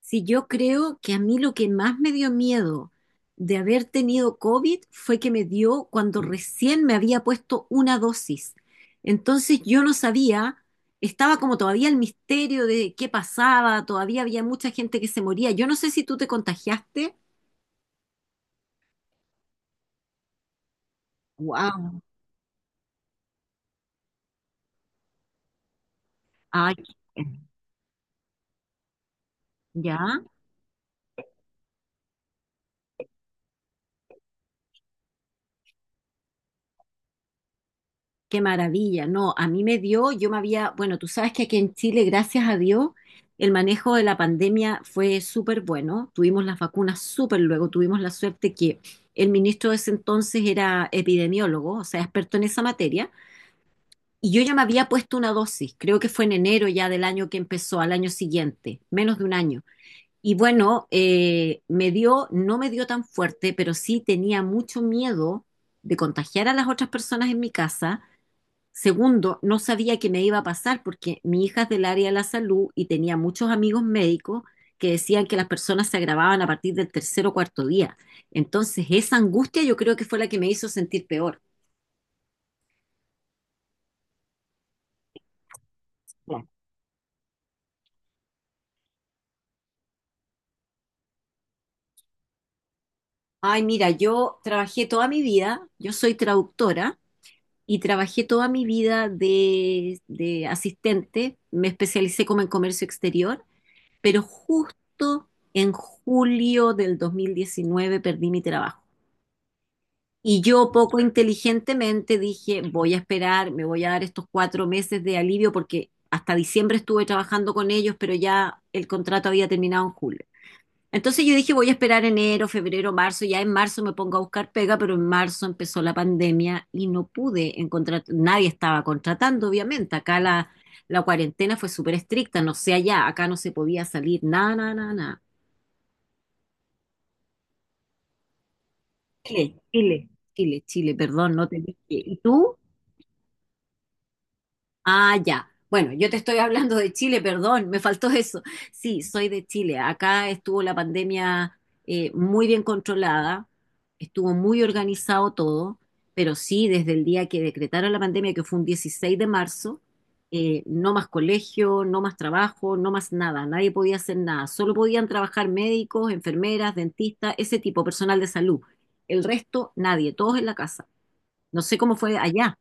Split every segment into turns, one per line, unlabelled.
Si yo creo que a mí lo que más me dio miedo de haber tenido COVID fue que me dio cuando recién me había puesto una dosis. Entonces yo no sabía, estaba como todavía el misterio de qué pasaba, todavía había mucha gente que se moría. Yo no sé si tú te contagiaste. Wow. Ay, ya. Qué maravilla, no, a mí me dio, bueno, tú sabes que aquí en Chile, gracias a Dios, el manejo de la pandemia fue súper bueno, tuvimos las vacunas súper luego, tuvimos la suerte que el ministro de ese entonces era epidemiólogo, o sea, experto en esa materia, y yo ya me había puesto una dosis, creo que fue en enero ya del año que empezó, al año siguiente, menos de un año. Y bueno, me dio, no me dio tan fuerte, pero sí tenía mucho miedo de contagiar a las otras personas en mi casa. Segundo, no sabía qué me iba a pasar porque mi hija es del área de la salud y tenía muchos amigos médicos que decían que las personas se agravaban a partir del tercer o cuarto día. Entonces, esa angustia yo creo que fue la que me hizo sentir peor. Claro. Ay, mira, yo trabajé toda mi vida, yo soy traductora y trabajé toda mi vida de asistente, me especialicé como en comercio exterior, pero justo en julio del 2019 perdí mi trabajo. Y yo poco inteligentemente dije, voy a esperar, me voy a dar estos 4 meses de alivio porque hasta diciembre estuve trabajando con ellos, pero ya el contrato había terminado en julio. Entonces yo dije, voy a esperar enero, febrero, marzo, ya en marzo me pongo a buscar pega, pero en marzo empezó la pandemia y no pude encontrar, nadie estaba contratando, obviamente. Acá la cuarentena fue súper estricta, no sé allá, acá no se podía salir, nada, nada, nada. Chile, Chile. Chile, Chile, perdón, no te dije. ¿Y tú? Ah, ya. Bueno, yo te estoy hablando de Chile, perdón, me faltó eso. Sí, soy de Chile. Acá estuvo la pandemia muy bien controlada, estuvo muy organizado todo, pero sí, desde el día que decretaron la pandemia, que fue un 16 de marzo, no más colegio, no más trabajo, no más nada, nadie podía hacer nada. Solo podían trabajar médicos, enfermeras, dentistas, ese tipo, personal de salud. El resto, nadie, todos en la casa. No sé cómo fue allá.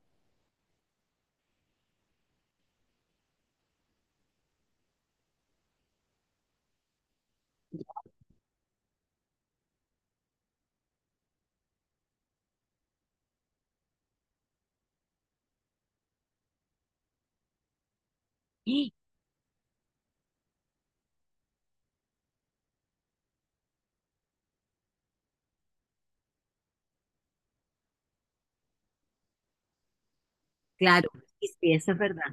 ¡Ah! Claro, sí, sí, eso es verdad.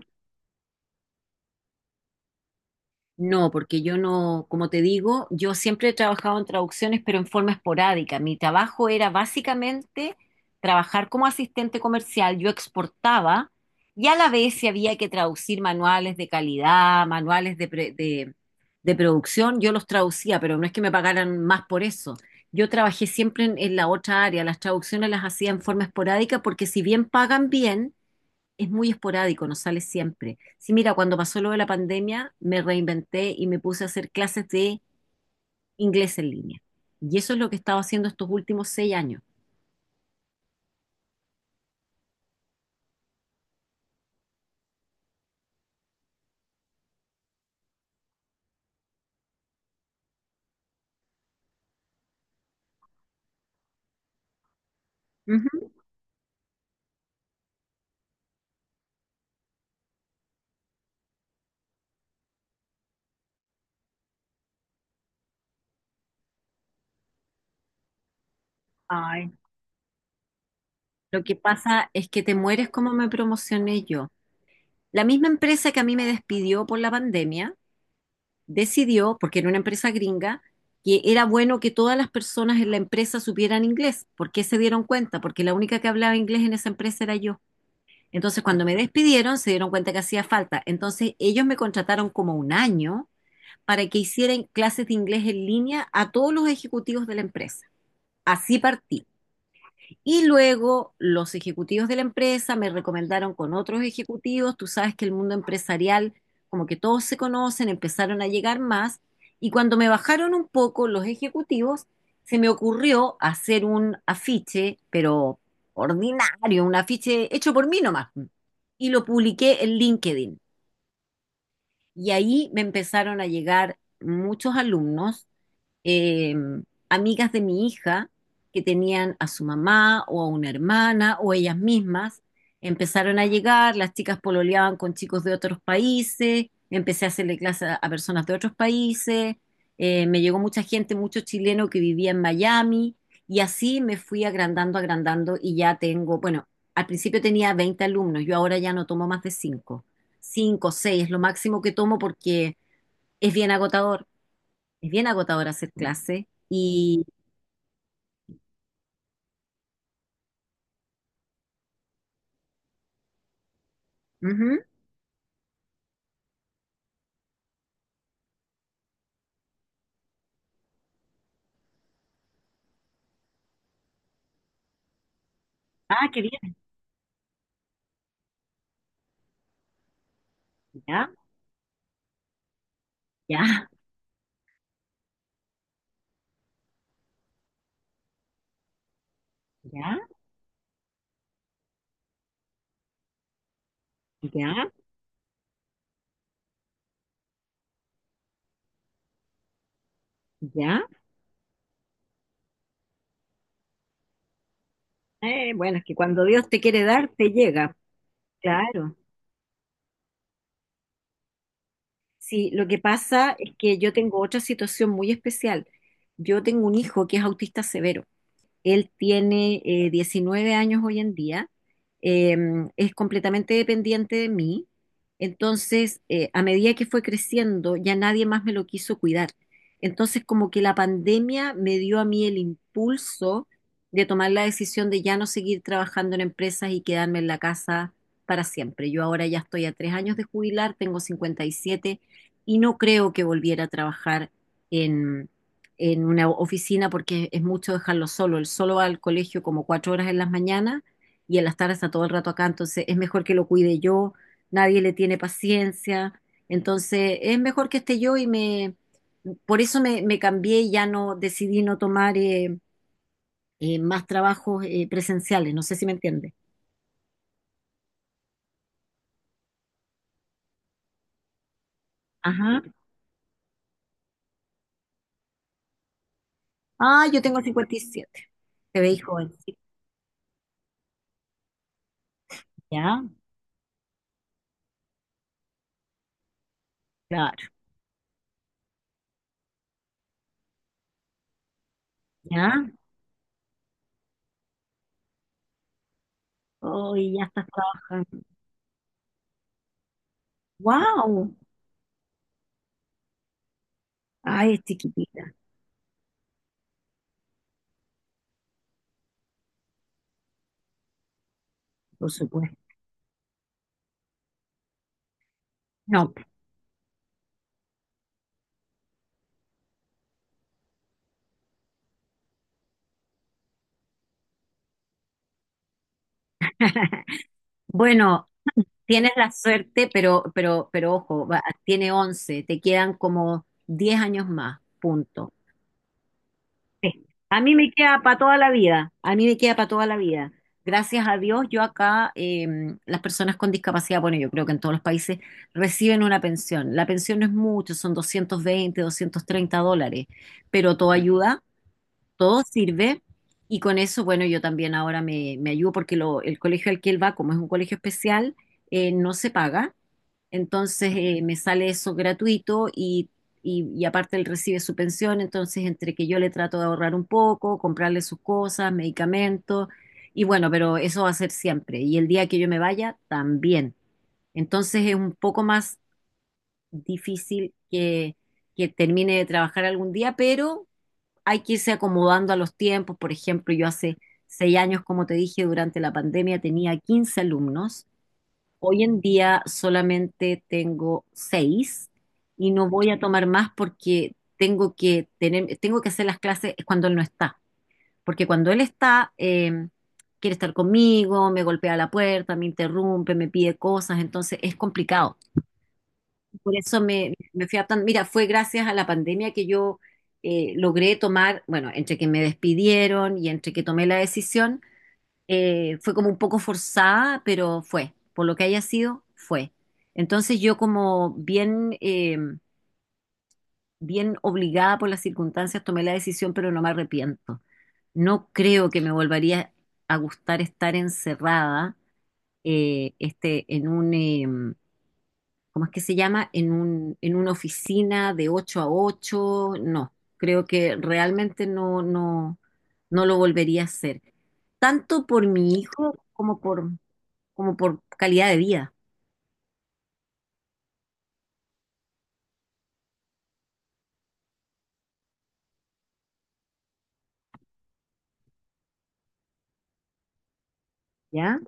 No, porque yo no, como te digo, yo siempre he trabajado en traducciones, pero en forma esporádica. Mi trabajo era básicamente trabajar como asistente comercial. Yo exportaba y a la vez si había que traducir manuales de calidad, manuales de producción, yo los traducía, pero no es que me pagaran más por eso. Yo trabajé siempre en la otra área. Las traducciones las hacía en forma esporádica porque si bien pagan bien, es muy esporádico, no sale siempre. Sí, mira, cuando pasó lo de la pandemia, me reinventé y me puse a hacer clases de inglés en línea. Y eso es lo que he estado haciendo estos últimos 6 años. Ujú. Ay, lo que pasa es que te mueres como me promocioné yo. La misma empresa que a mí me despidió por la pandemia decidió, porque era una empresa gringa, que era bueno que todas las personas en la empresa supieran inglés. ¿Por qué se dieron cuenta? Porque la única que hablaba inglés en esa empresa era yo. Entonces, cuando me despidieron, se dieron cuenta que hacía falta. Entonces, ellos me contrataron como un año para que hicieran clases de inglés en línea a todos los ejecutivos de la empresa. Así partí. Y luego los ejecutivos de la empresa me recomendaron con otros ejecutivos, tú sabes que el mundo empresarial, como que todos se conocen, empezaron a llegar más, y cuando me bajaron un poco los ejecutivos, se me ocurrió hacer un afiche, pero ordinario, un afiche hecho por mí nomás, y lo publiqué en LinkedIn. Y ahí me empezaron a llegar muchos alumnos, eh, amigas de mi hija que tenían a su mamá o a una hermana o ellas mismas. Empezaron a llegar, las chicas pololeaban con chicos de otros países, empecé a hacerle clases a, personas de otros países, me llegó mucha gente, mucho chileno que vivía en Miami y así me fui agrandando, agrandando y ya tengo, bueno, al principio tenía 20 alumnos, yo ahora ya no tomo más de cinco, 5 6 es lo máximo que tomo porque es bien agotador, es bien agotador hacer clase y... Ujú. Ah, qué bien. Ya, ya, ya, ya, ya. Bueno, es que cuando Dios te quiere dar, te llega. Claro. Sí, lo que pasa es que yo tengo otra situación muy especial. Yo tengo un hijo que es autista severo. Él tiene 19 años hoy en día, eh, es completamente dependiente de mí. Entonces, a medida que fue creciendo, ya nadie más me lo quiso cuidar. Entonces, como que la pandemia me dio a mí el impulso de tomar la decisión de ya no seguir trabajando en empresas y quedarme en la casa para siempre. Yo ahora ya estoy a 3 años de jubilar, tengo 57 y siete y no creo que volviera a trabajar en una oficina porque es mucho dejarlo solo. Él solo va al colegio como 4 horas en las mañanas y en las tardes está todo el rato acá, entonces es mejor que lo cuide yo, nadie le tiene paciencia, entonces es mejor que esté yo por eso me cambié y ya no decidí no tomar más trabajos presenciales, no sé si me entiende. Ajá. Ah, yo tengo 57. Te veis joven. Sí, ya, claro. Ya. Hoy ya estás trabajando. ¡Wow! Ay, es chiquitita. Por supuesto. No. Bueno, tienes la suerte, pero, pero ojo, tiene 11, te quedan como 10 años más, punto. A mí me queda para toda la vida, a mí me queda para toda la vida. Gracias a Dios, yo acá, las personas con discapacidad, bueno, yo creo que en todos los países reciben una pensión. La pensión no es mucho, son 220, 230 dólares, pero todo ayuda, todo sirve. Y con eso, bueno, yo también ahora me, ayudo porque el colegio al que él va, como es un colegio especial, no se paga. Entonces me sale eso gratuito y, y aparte él recibe su pensión. Entonces entre que yo le trato de ahorrar un poco, comprarle sus cosas, medicamentos. Y bueno, pero eso va a ser siempre. Y el día que yo me vaya, también. Entonces es un poco más difícil que termine de trabajar algún día, pero hay que irse acomodando a los tiempos. Por ejemplo, yo hace 6 años, como te dije, durante la pandemia tenía 15 alumnos. Hoy en día solamente tengo seis y no voy a tomar más porque tengo que tener, tengo que hacer las clases cuando él no está. Porque cuando él está, quiere estar conmigo, me golpea la puerta, me interrumpe, me pide cosas, entonces es complicado. Por eso me fui adaptando. Mira, fue gracias a la pandemia que yo logré tomar, bueno, entre que me despidieron y entre que tomé la decisión, fue como un poco forzada, pero fue. Por lo que haya sido, fue. Entonces yo como bien obligada por las circunstancias tomé la decisión, pero no me arrepiento. No creo que me volvería a gustar estar encerrada este, ¿cómo es que se llama? En una oficina de 8 a 8. No, creo que realmente no, no, no lo volvería a hacer, tanto por mi hijo como por calidad de vida, ¿ya?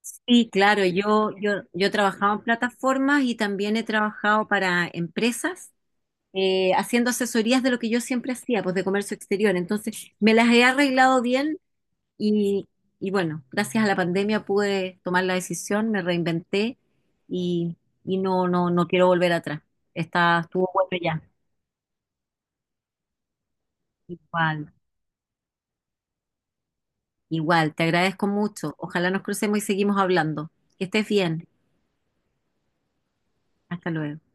Sí, claro, yo he trabajado en plataformas y también he trabajado para empresas. Haciendo asesorías de lo que yo siempre hacía, pues de comercio exterior. Entonces, me las he arreglado bien. Y, y bueno, gracias a la pandemia pude tomar la decisión, me reinventé y, y no, no, no quiero volver atrás. Estuvo bueno ya. Igual, igual, te agradezco mucho. Ojalá nos crucemos y seguimos hablando. Que estés bien. Hasta luego.